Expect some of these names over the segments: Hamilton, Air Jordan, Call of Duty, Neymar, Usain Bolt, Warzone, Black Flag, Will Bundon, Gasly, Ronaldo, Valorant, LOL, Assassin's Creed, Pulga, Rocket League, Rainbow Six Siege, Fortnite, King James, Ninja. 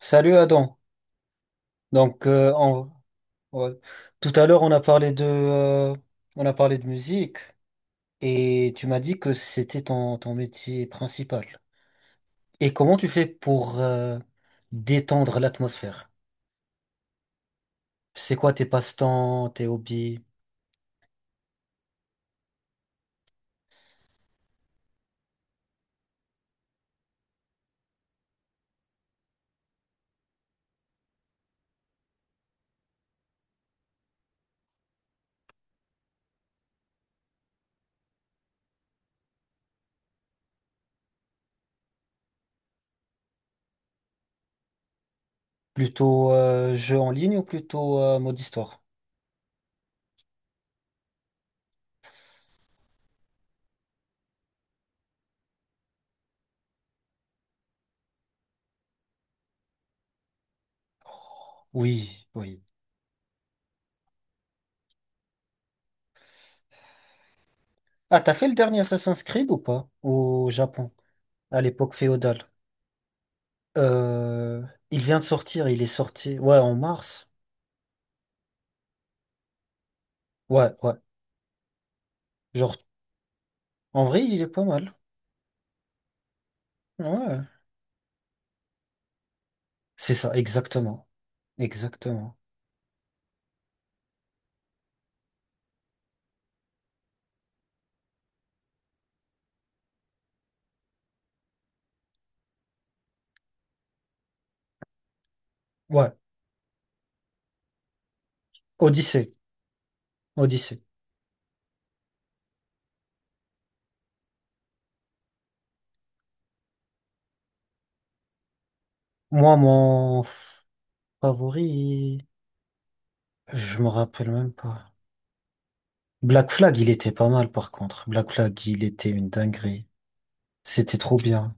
Salut Adam. Donc on- tout à l'heure on a parlé de musique et tu m'as dit que c'était ton métier principal. Et comment tu fais pour détendre l'atmosphère? C'est quoi tes passe-temps, tes hobbies? Plutôt jeux en ligne ou plutôt mode histoire? Oui, oui. Ah, t'as fait le dernier Assassin's Creed ou pas? Au Japon, à l'époque féodale. Euh, il vient de sortir, il est sorti, ouais, en mars. Ouais, ouais. Genre En vrai, il est pas mal. Ouais. C'est ça, exactement. Exactement. Ouais, Odyssée. Odyssée. Moi, mon favori, je me rappelle même pas. Black Flag, il était pas mal par contre. Black Flag, il était une dinguerie. C'était trop bien.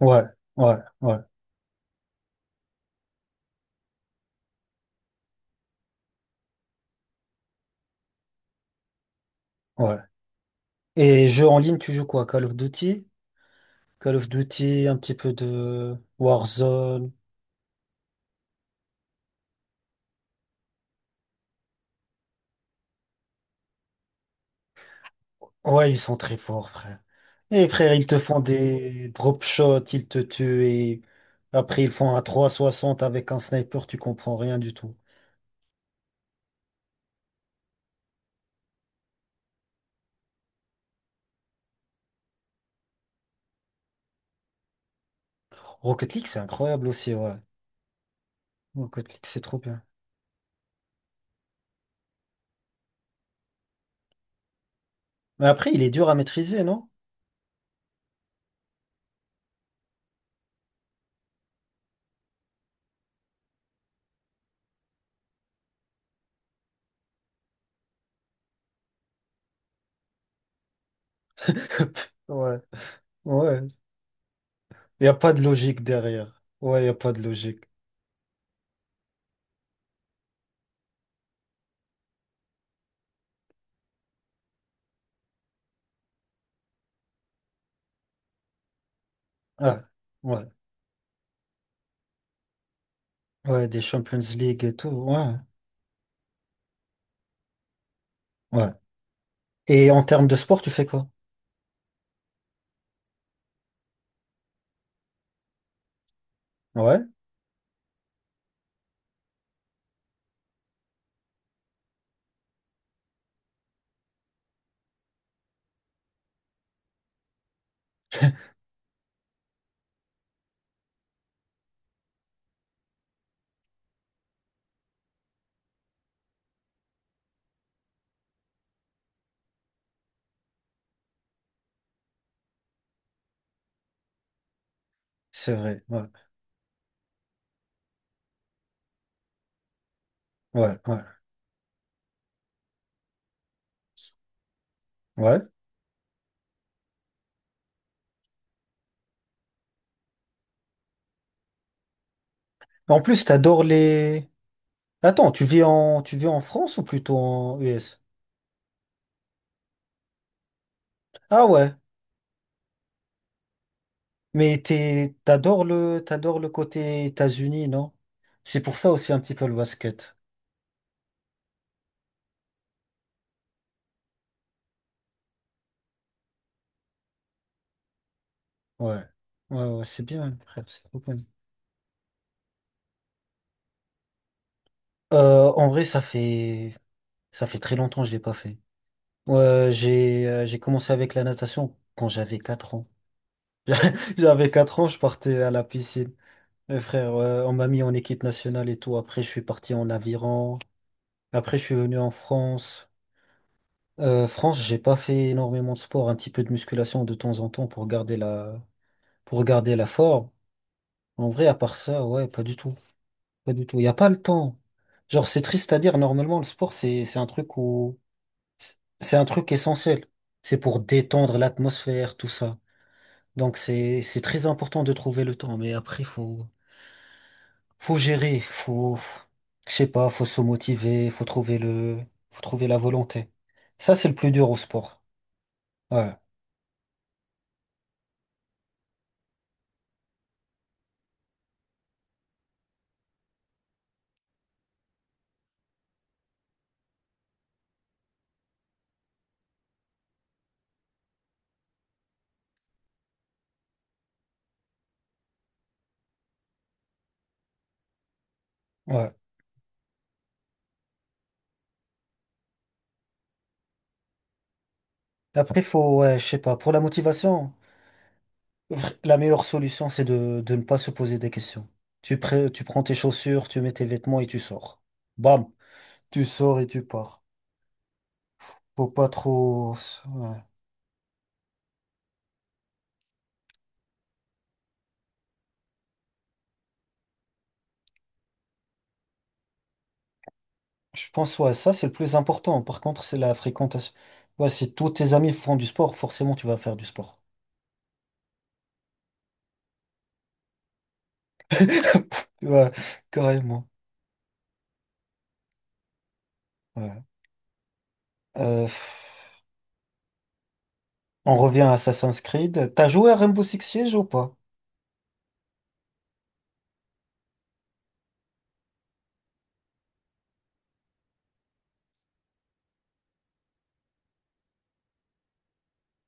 Ouais, ouais, ouais, ouais. Et jeu en ligne, tu joues quoi? Call of Duty? Call of Duty, un petit peu de Warzone. Ouais, ils sont très forts, frère. Et frère, ils te font des drop shots, ils te tuent et après ils font un 360 avec un sniper, tu comprends rien du tout. Rocket League, c'est incroyable aussi, ouais. Rocket League, c'est trop bien. Mais après, il est dur à maîtriser, non? Ouais, ouais. Il n'y a pas de logique derrière. Ouais, il n'y a pas de logique. Ah, ouais. Ouais, des Champions League et tout, ouais. Ouais. Et en termes de sport, tu fais quoi? Ouais, c'est vrai. Ouais, ouais, ouais. Ouais. En plus, t'adores les... Attends, tu vis en France ou plutôt en US? Ah ouais, mais t'adores le côté États-Unis, non? C'est pour ça aussi un petit peu le basket. Ouais, ouais, ouais, c'est bien, frère, c'est trop bien. En vrai, ça fait très longtemps que je l'ai pas fait. Ouais, j'ai commencé avec la natation quand j'avais 4 ans. J'avais 4 ans, je partais à la piscine. Mes frères, ouais, on m'a mis en équipe nationale et tout. Après, je suis parti en aviron. Après, je suis venu en France. France, j'ai pas fait énormément de sport, un petit peu de musculation de temps en temps pour garder la forme. En vrai, à part ça, ouais, pas du tout. Pas du tout. Il n'y a pas le temps. Genre, c'est triste à dire, normalement, le sport, c'est un truc essentiel. C'est pour détendre l'atmosphère, tout ça. Donc, c'est très important de trouver le temps. Mais après, faut gérer, faut, je sais pas, faut se motiver, faut trouver la volonté. Ça, c'est le plus dur au sport. Ouais. Ouais. Après, faut, ouais, je sais pas, pour la motivation, la meilleure solution, c'est de ne pas se poser des questions. Tu prends tes chaussures, tu mets tes vêtements et tu sors. Bam, tu sors et tu pars. Faut pas trop... ouais. Je pense, ouais, ça, c'est le plus important. Par contre, c'est la fréquentation. Ouais, si tous tes amis font du sport, forcément, tu vas faire du sport. Ouais, carrément. Ouais. Euh, on revient à Assassin's Creed. T'as joué à Rainbow Six Siege ou pas?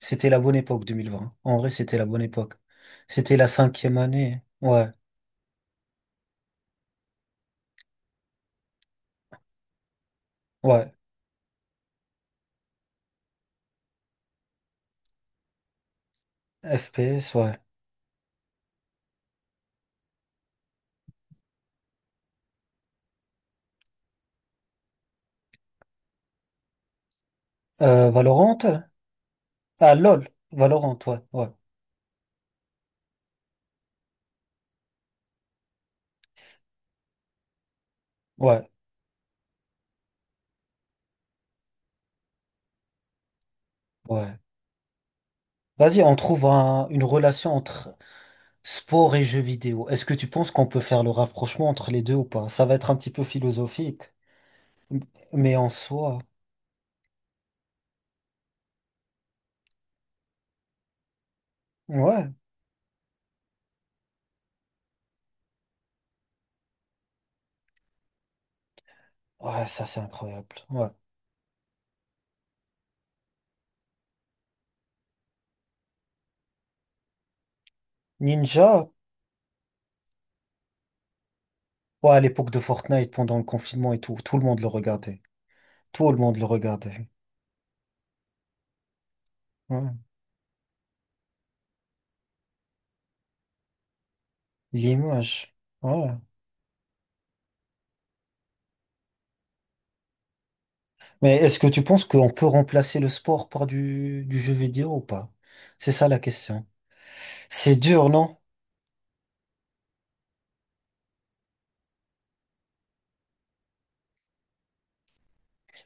C'était la bonne époque, 2020. En vrai, c'était la bonne époque. C'était la cinquième année. Ouais, ouais. FPS, ouais. Valorant? Ah, LOL. Valorant, ouais, ouais, ouais, ouais. Vas-y, on trouve une relation entre sport et jeux vidéo. Est-ce que tu penses qu'on peut faire le rapprochement entre les deux ou pas? Ça va être un petit peu philosophique, mais en soi, ouais. Ouais, ça, c'est incroyable. Ouais. Ninja? Ouais, à l'époque de Fortnite, pendant le confinement et tout, tout le monde le regardait. Tout le monde le regardait. Ouais. L'image. Ouais. Mais est-ce que tu penses qu'on peut remplacer le sport par du jeu vidéo ou pas? C'est ça la question. C'est dur, non?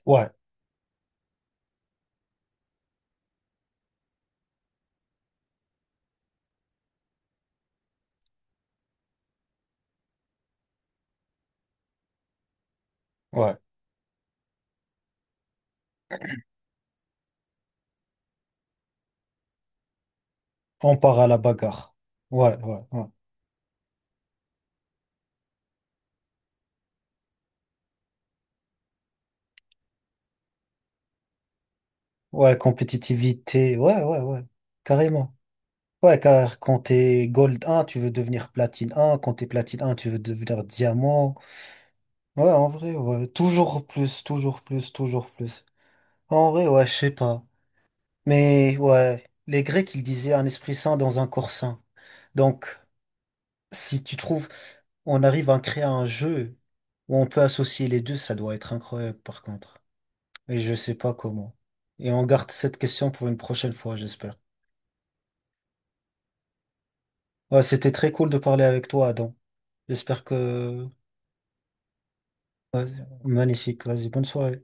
Ouais, ouais. On part à la bagarre. Ouais, ouais, ouais. Ouais, compétitivité. Ouais, ouais, ouais. Carrément. Ouais, car quand t'es Gold 1, tu veux devenir Platine 1. Quand t'es Platine 1, tu veux devenir Diamant. Ouais, en vrai, ouais. Toujours plus, toujours plus, toujours plus. En vrai, ouais, je sais pas. Mais ouais, les Grecs, ils disaient un esprit sain dans un corps sain. Donc, si tu trouves, on arrive à créer un jeu où on peut associer les deux, ça doit être incroyable par contre. Et je sais pas comment. Et on garde cette question pour une prochaine fois, j'espère. Ouais, c'était très cool de parler avec toi, Adam. J'espère que... ouais, magnifique. Vas-y, bonne soirée.